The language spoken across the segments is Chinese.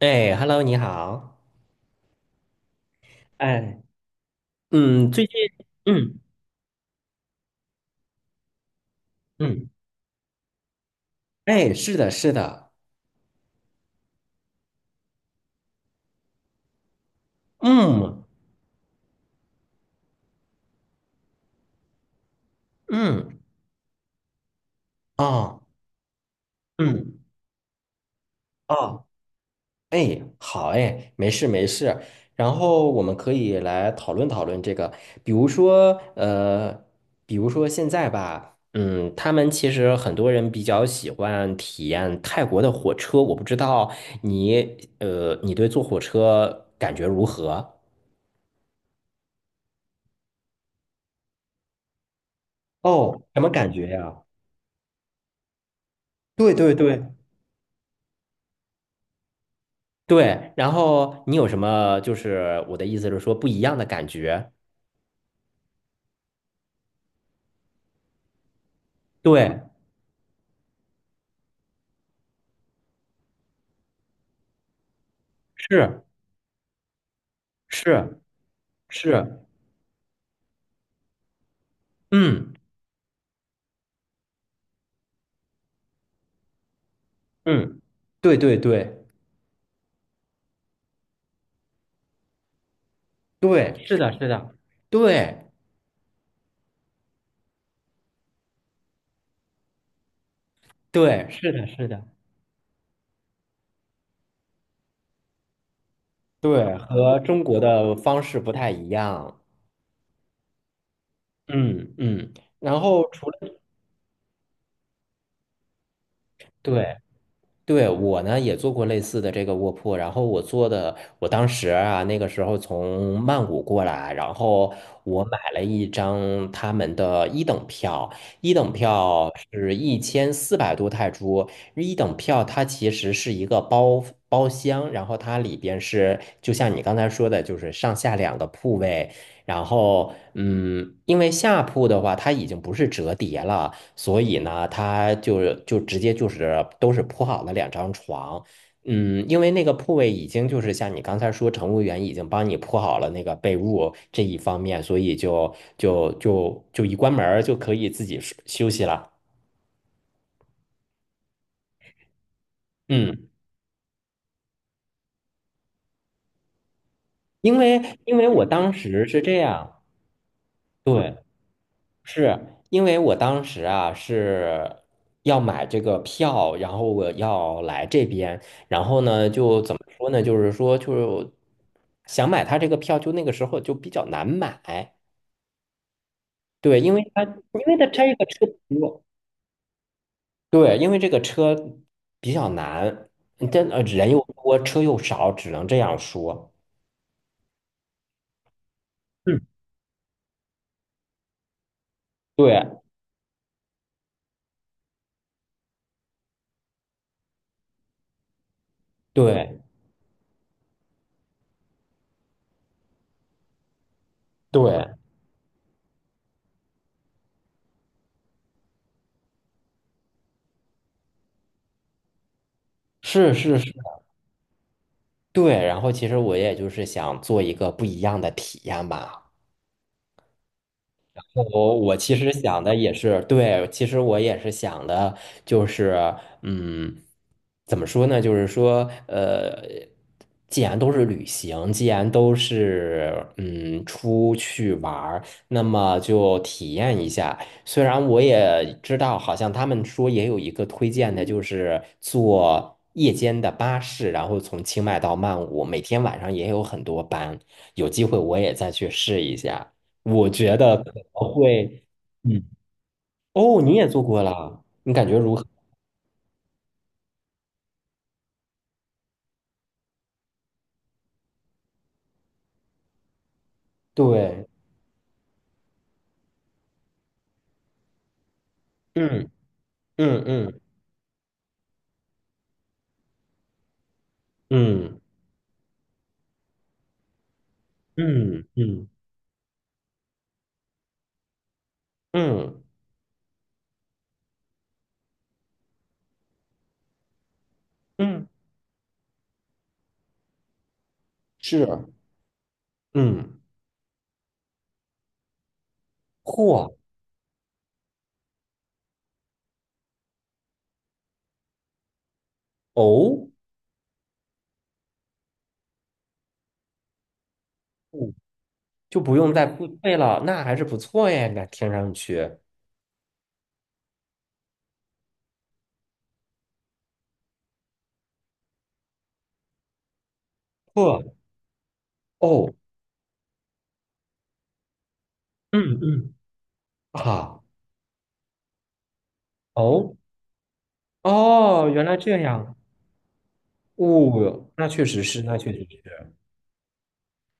哎，Hello，你好。哎，嗯，最近，嗯嗯，哎，是的，是的，嗯嗯，哦，嗯哦，哎，好，哎，没事没事。然后我们可以来讨论讨论这个，比如说，比如说现在吧，嗯，他们其实很多人比较喜欢体验泰国的火车，我不知道你对坐火车感觉如何？哦，什么感觉呀？对对对，对，然后你有什么？就是我的意思是说，不一样的感觉。对，是是是，嗯嗯，对对对对，是的，是的，对对，是的，是的，对，和中国的方式不太一样。嗯嗯，然后除了，对。对，我呢也做过类似的这个卧铺，然后我做的，我当时啊那个时候从曼谷过来，然后我买了一张他们的一等票，一等票是1400多泰铢，一等票它其实是一个包厢，然后它里边是就像你刚才说的，就是上下两个铺位，然后，嗯，因为下铺的话，它已经不是折叠了，所以呢，它就是就直接就是都是铺好了两张床。嗯，因为那个铺位已经就是像你刚才说，乘务员已经帮你铺好了那个被褥这一方面，所以就一关门儿就可以自己睡休息了。嗯，因为我当时是这样，对。是因为我当时啊是要买这个票，然后我要来这边，然后呢就怎么说呢？就是说就想买他这个票，就那个时候就比较难买。对，因为他这个车多，对，因为这个车比较难，真人又多，车又少，只能这样说。嗯，对对对，是是是，对。然后其实我也就是想做一个不一样的体验吧。我其实想的也是，对，其实我也是想的，就是，嗯，怎么说呢？就是说，既然都是旅行，既然都是出去玩儿，那么就体验一下。虽然我也知道，好像他们说也有一个推荐的，就是坐夜间的巴士，然后从清迈到曼谷，每天晚上也有很多班，有机会我也再去试一下。我觉得可能会，嗯，哦，你也做过啦，你感觉如何？对，嗯嗯嗯嗯嗯嗯嗯嗯，是，嗯，嚯，哦，嗯就不用再付费了，那还是不错耶，那听上去，嚯，哦，嗯嗯，好，哦哦，原来这样，哦，那确实是，那确实是，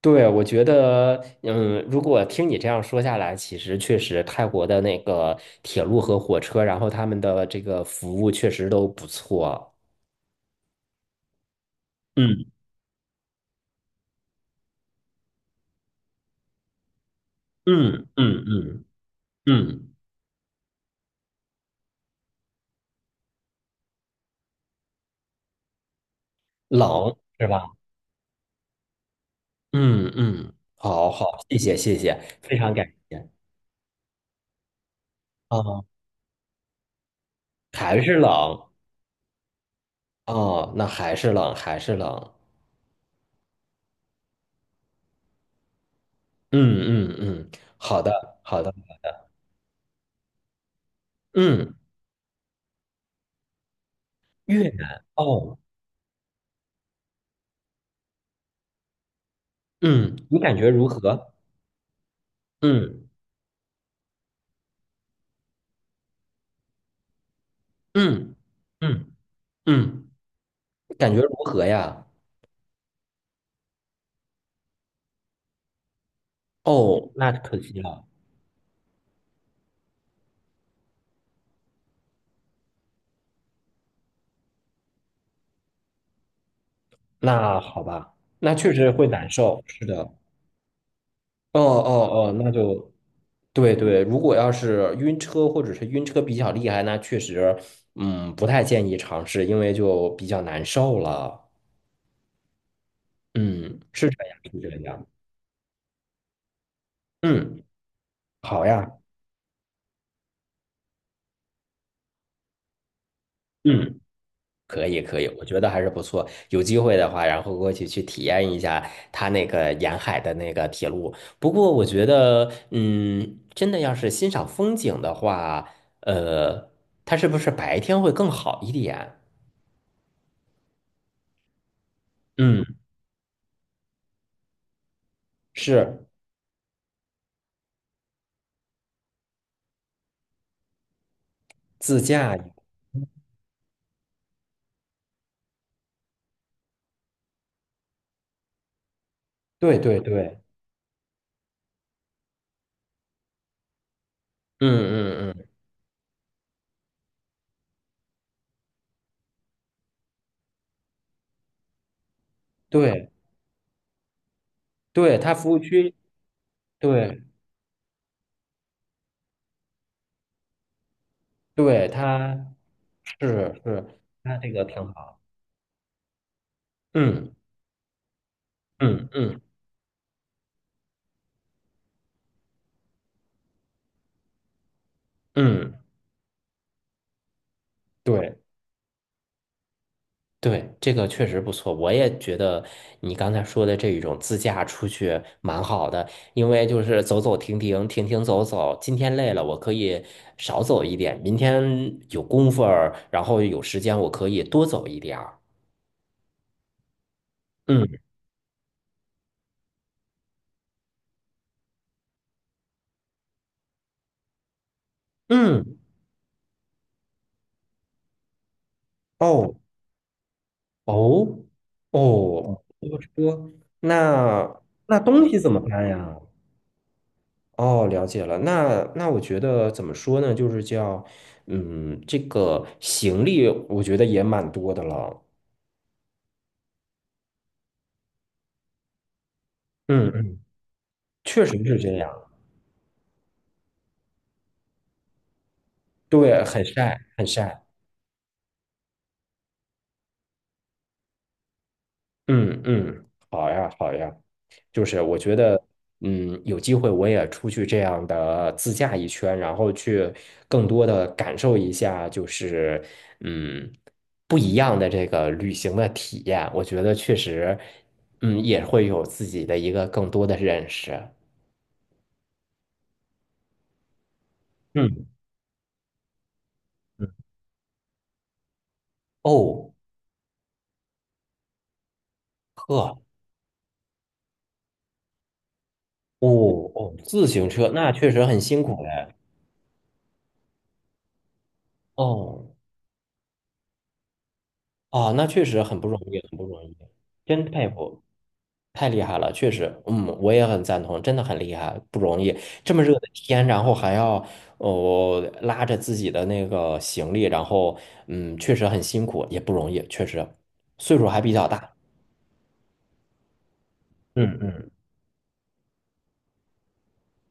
对，我觉得，嗯，如果听你这样说下来，其实确实泰国的那个铁路和火车，然后他们的这个服务确实都不错。嗯嗯嗯嗯嗯，冷是吧？嗯嗯，好好，谢谢谢谢，非常感谢。啊，还是冷，哦，那还是冷，还是冷。嗯嗯嗯，好的，好的。嗯，越南哦，嗯，你感觉如何？嗯嗯。嗯嗯，感觉如何呀？哦，那可惜了。那好吧，那确实会难受。是的。哦哦哦，那就，对对。如果要是晕车或者是晕车比较厉害，那确实，嗯，不太建议尝试，因为就比较难受了。嗯，是这样，是这样。嗯，好呀。嗯。可以可以，我觉得还是不错。有机会的话，然后过去去体验一下它那个沿海的那个铁路。不过我觉得，嗯，真的要是欣赏风景的话，呃，它是不是白天会更好一点？嗯，是自驾，对对对，嗯嗯嗯，对对，它服务区，对对，它是它这个挺好，嗯嗯嗯嗯，对。对，这个确实不错，我也觉得你刚才说的这一种自驾出去蛮好的，因为就是走走停停，停停走走，今天累了，我可以少走一点，明天有功夫儿，然后有时间，我可以多走一点儿。嗯嗯，哦哦哦，多说，那那东西怎么办呀？哦，了解了。那我觉得怎么说呢？就是叫，嗯，这个行李我觉得也蛮多的了。嗯嗯，确实是这样。对，很晒，很晒。嗯嗯，好呀好呀，就是我觉得，嗯，有机会我也出去这样的自驾一圈，然后去更多的感受一下，就是嗯不一样的这个旅行的体验。我觉得确实，嗯，也会有自己的一个更多的认识。嗯嗯，哦，呵，哦哦，自行车那确实很辛苦嘞。哦。啊，那确实很不容易，很不容易，真佩服，太厉害了，确实，嗯，我也很赞同，真的很厉害，不容易，这么热的天，然后还要拉着自己的那个行李，然后确实很辛苦，也不容易，确实，岁数还比较大，嗯嗯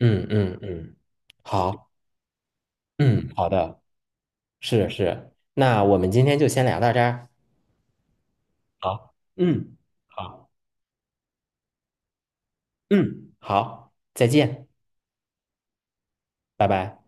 嗯嗯嗯，好，嗯，好的，是是，那我们今天就先聊到这儿，好，嗯，好，嗯，好，再见，拜拜。